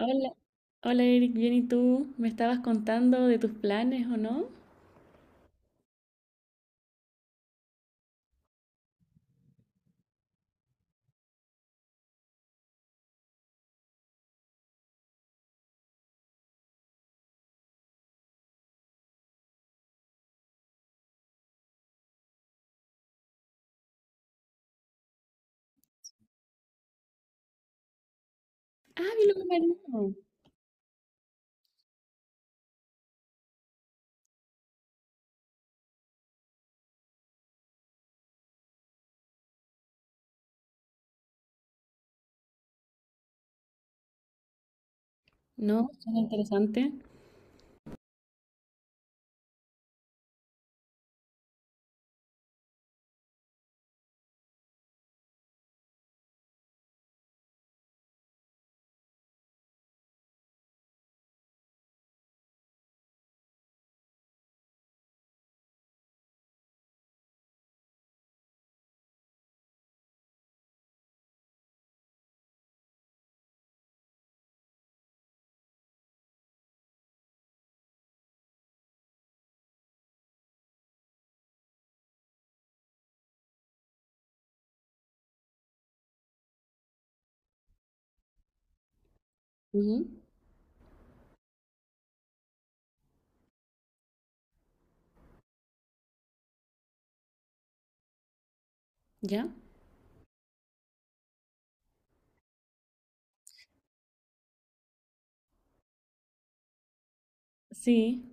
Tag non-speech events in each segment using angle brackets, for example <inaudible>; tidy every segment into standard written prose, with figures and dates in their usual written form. Hola, hola Eric, bien ¿y tú? Me estabas contando de tus planes, ¿o no? Ah, Biluca Marino. No, suena interesante. Ujú. ¿Ya? Sí.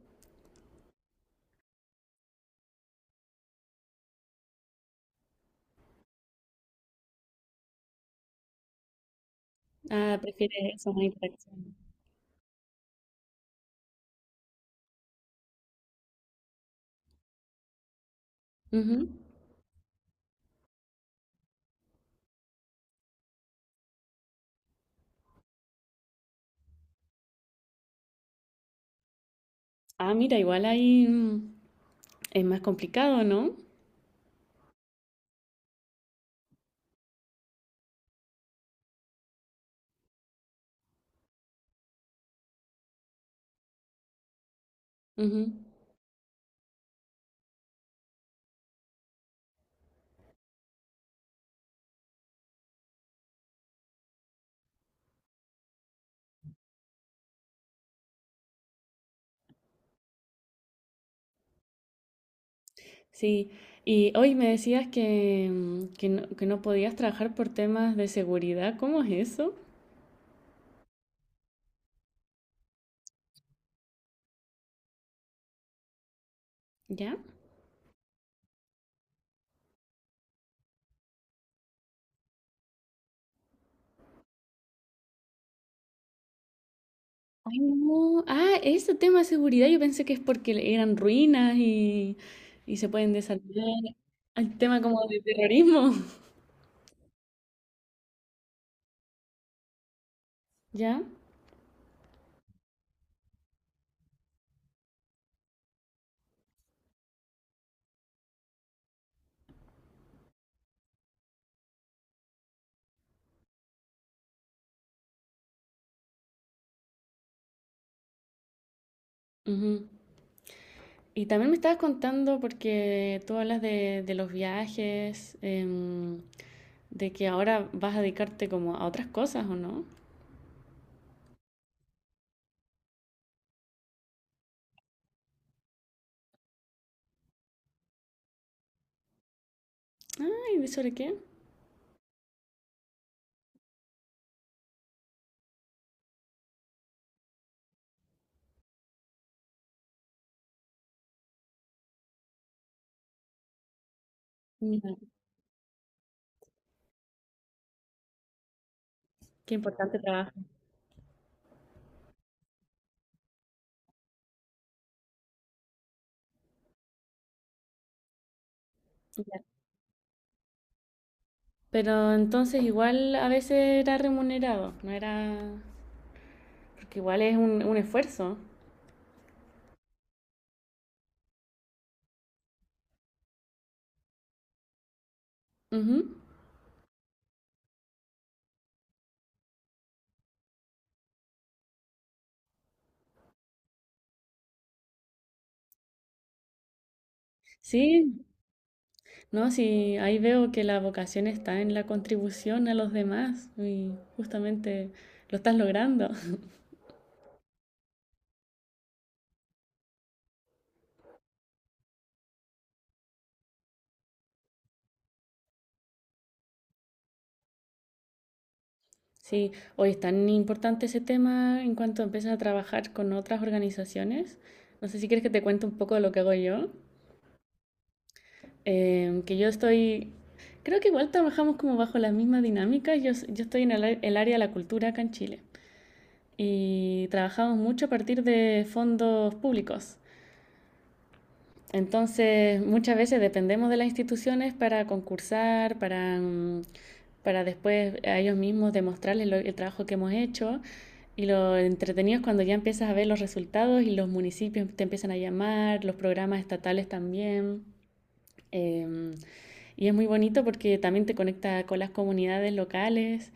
Ah, prefieres eso, más interacción. Ujú. Ah, mira, igual ahí es más complicado, ¿no? Ujú. Sí. Y hoy me decías que no podías trabajar por temas de seguridad. ¿Cómo es eso? ¿Ya? Ay, no. Ah, ese tema de seguridad yo pensé que es porque eran ruinas y se pueden desarmar. El tema como de terrorismo. <laughs> Ya. Ujú. Y también me estabas contando, porque tú hablas de los viajes, de que ahora vas a dedicarte como a otras cosas, ¿o no? Ay, ¿de sobre qué? Mira, qué importante trabajo. Ya. Pero entonces igual a veces era remunerado, no era... Porque igual es un esfuerzo. Ujú. Sí, no, sí, ahí veo que la vocación está en la contribución a los demás y justamente lo estás logrando. <laughs> Sí, hoy es tan importante ese tema en cuanto empiezas a trabajar con otras organizaciones. No sé si quieres que te cuente un poco de lo que hago yo. Que yo estoy, creo que igual trabajamos como bajo la misma dinámica. Yo estoy en el área de la cultura acá en Chile y trabajamos mucho a partir de fondos públicos. Entonces, muchas veces dependemos de las instituciones para concursar, para después a ellos mismos demostrarles el trabajo que hemos hecho. Y lo entretenido es cuando ya empiezas a ver los resultados y los municipios te empiezan a llamar, los programas estatales también. Em, y es muy bonito porque también te conecta con las comunidades locales.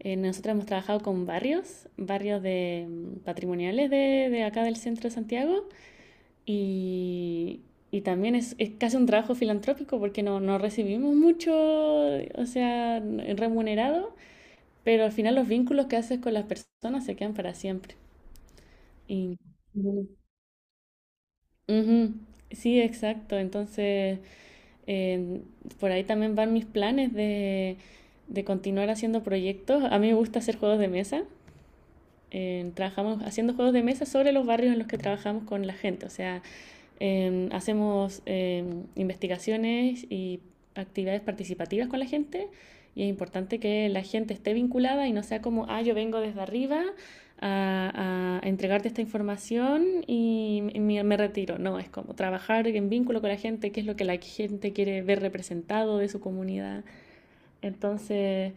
Nosotros hemos trabajado con barrios, patrimoniales de acá del centro de Santiago. Y y también es casi un trabajo filantrópico porque no recibimos mucho, o sea, remunerado, pero al final los vínculos que haces con las personas se quedan para siempre. Y, ujú. Ujú, sí, exacto. Entonces, eh, por ahí también van mis planes de continuar haciendo proyectos. A mí me gusta hacer juegos de mesa. Trabajamos haciendo juegos de mesa sobre los barrios en los que trabajamos con la gente. O sea, hacemos investigaciones y actividades participativas con la gente, y es importante que la gente esté vinculada y no sea como, ah, yo vengo desde arriba a entregarte esta información y me retiro. No, es como trabajar en vínculo con la gente, qué es lo que la gente quiere ver representado de su comunidad. Entonces,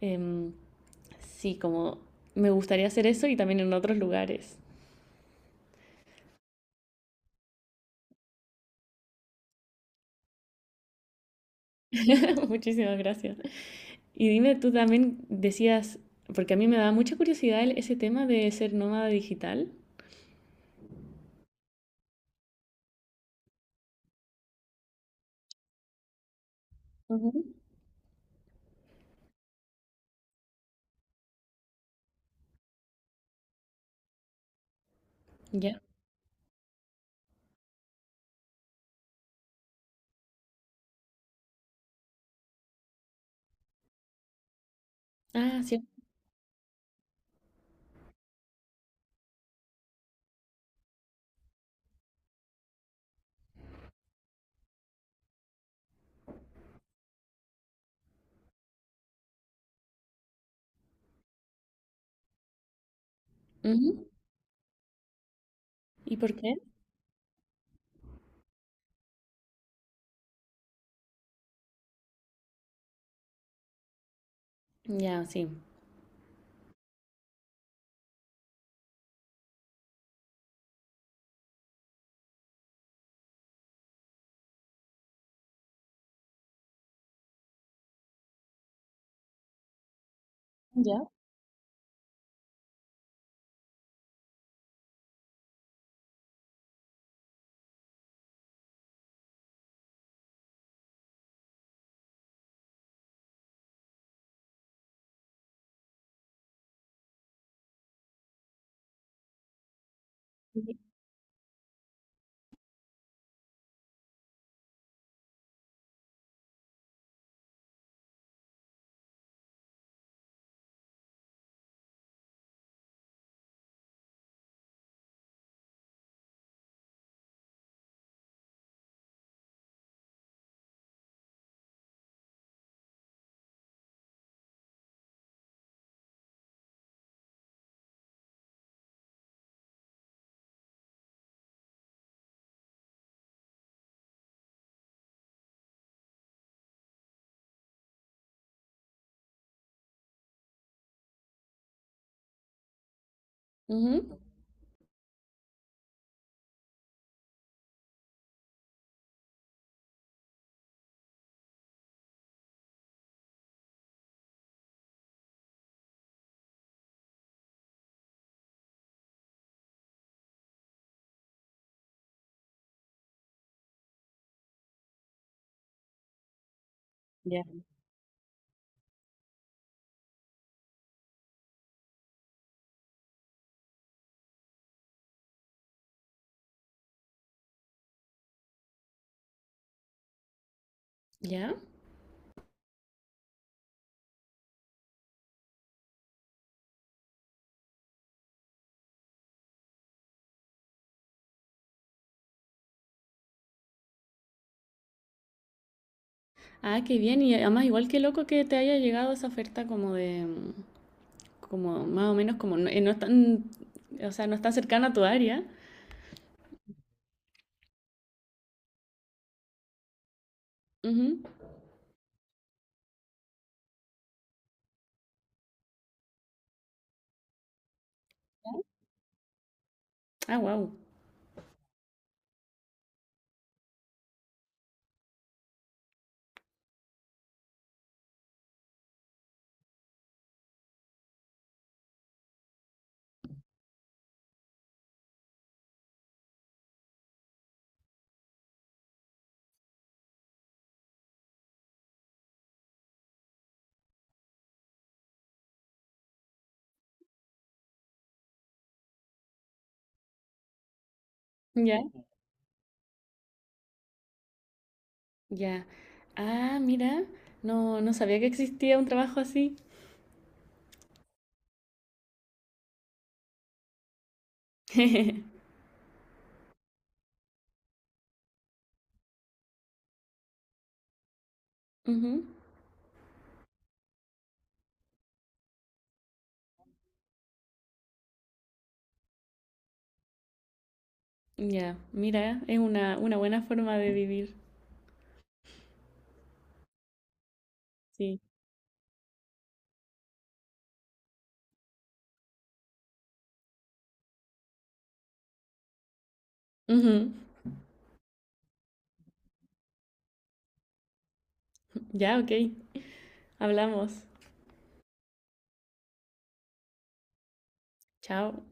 eh, sí, como me gustaría hacer eso y también en otros lugares. <laughs> Muchísimas gracias. Y dime, tú también decías, porque a mí me da mucha curiosidad ese tema de ser nómada digital. Ujú. Ya. Ah, sí. Ujú. ¿Y por qué? Ya, sí. Ya. Ujú. Ujú. Ya. Ya. Ah, qué bien. Y además, igual que loco que te haya llegado esa oferta como de, como más o menos como no, no es tan, o sea, no es tan cercana a tu área. Ujú. Ah, wow. Ya. Ya. Ah, mira. No, no sabía que existía un trabajo así. <laughs> Ujú. Ya, mira, es una buena forma de vivir. Sí. Ujú. Ya, ok. Hablamos. Chao.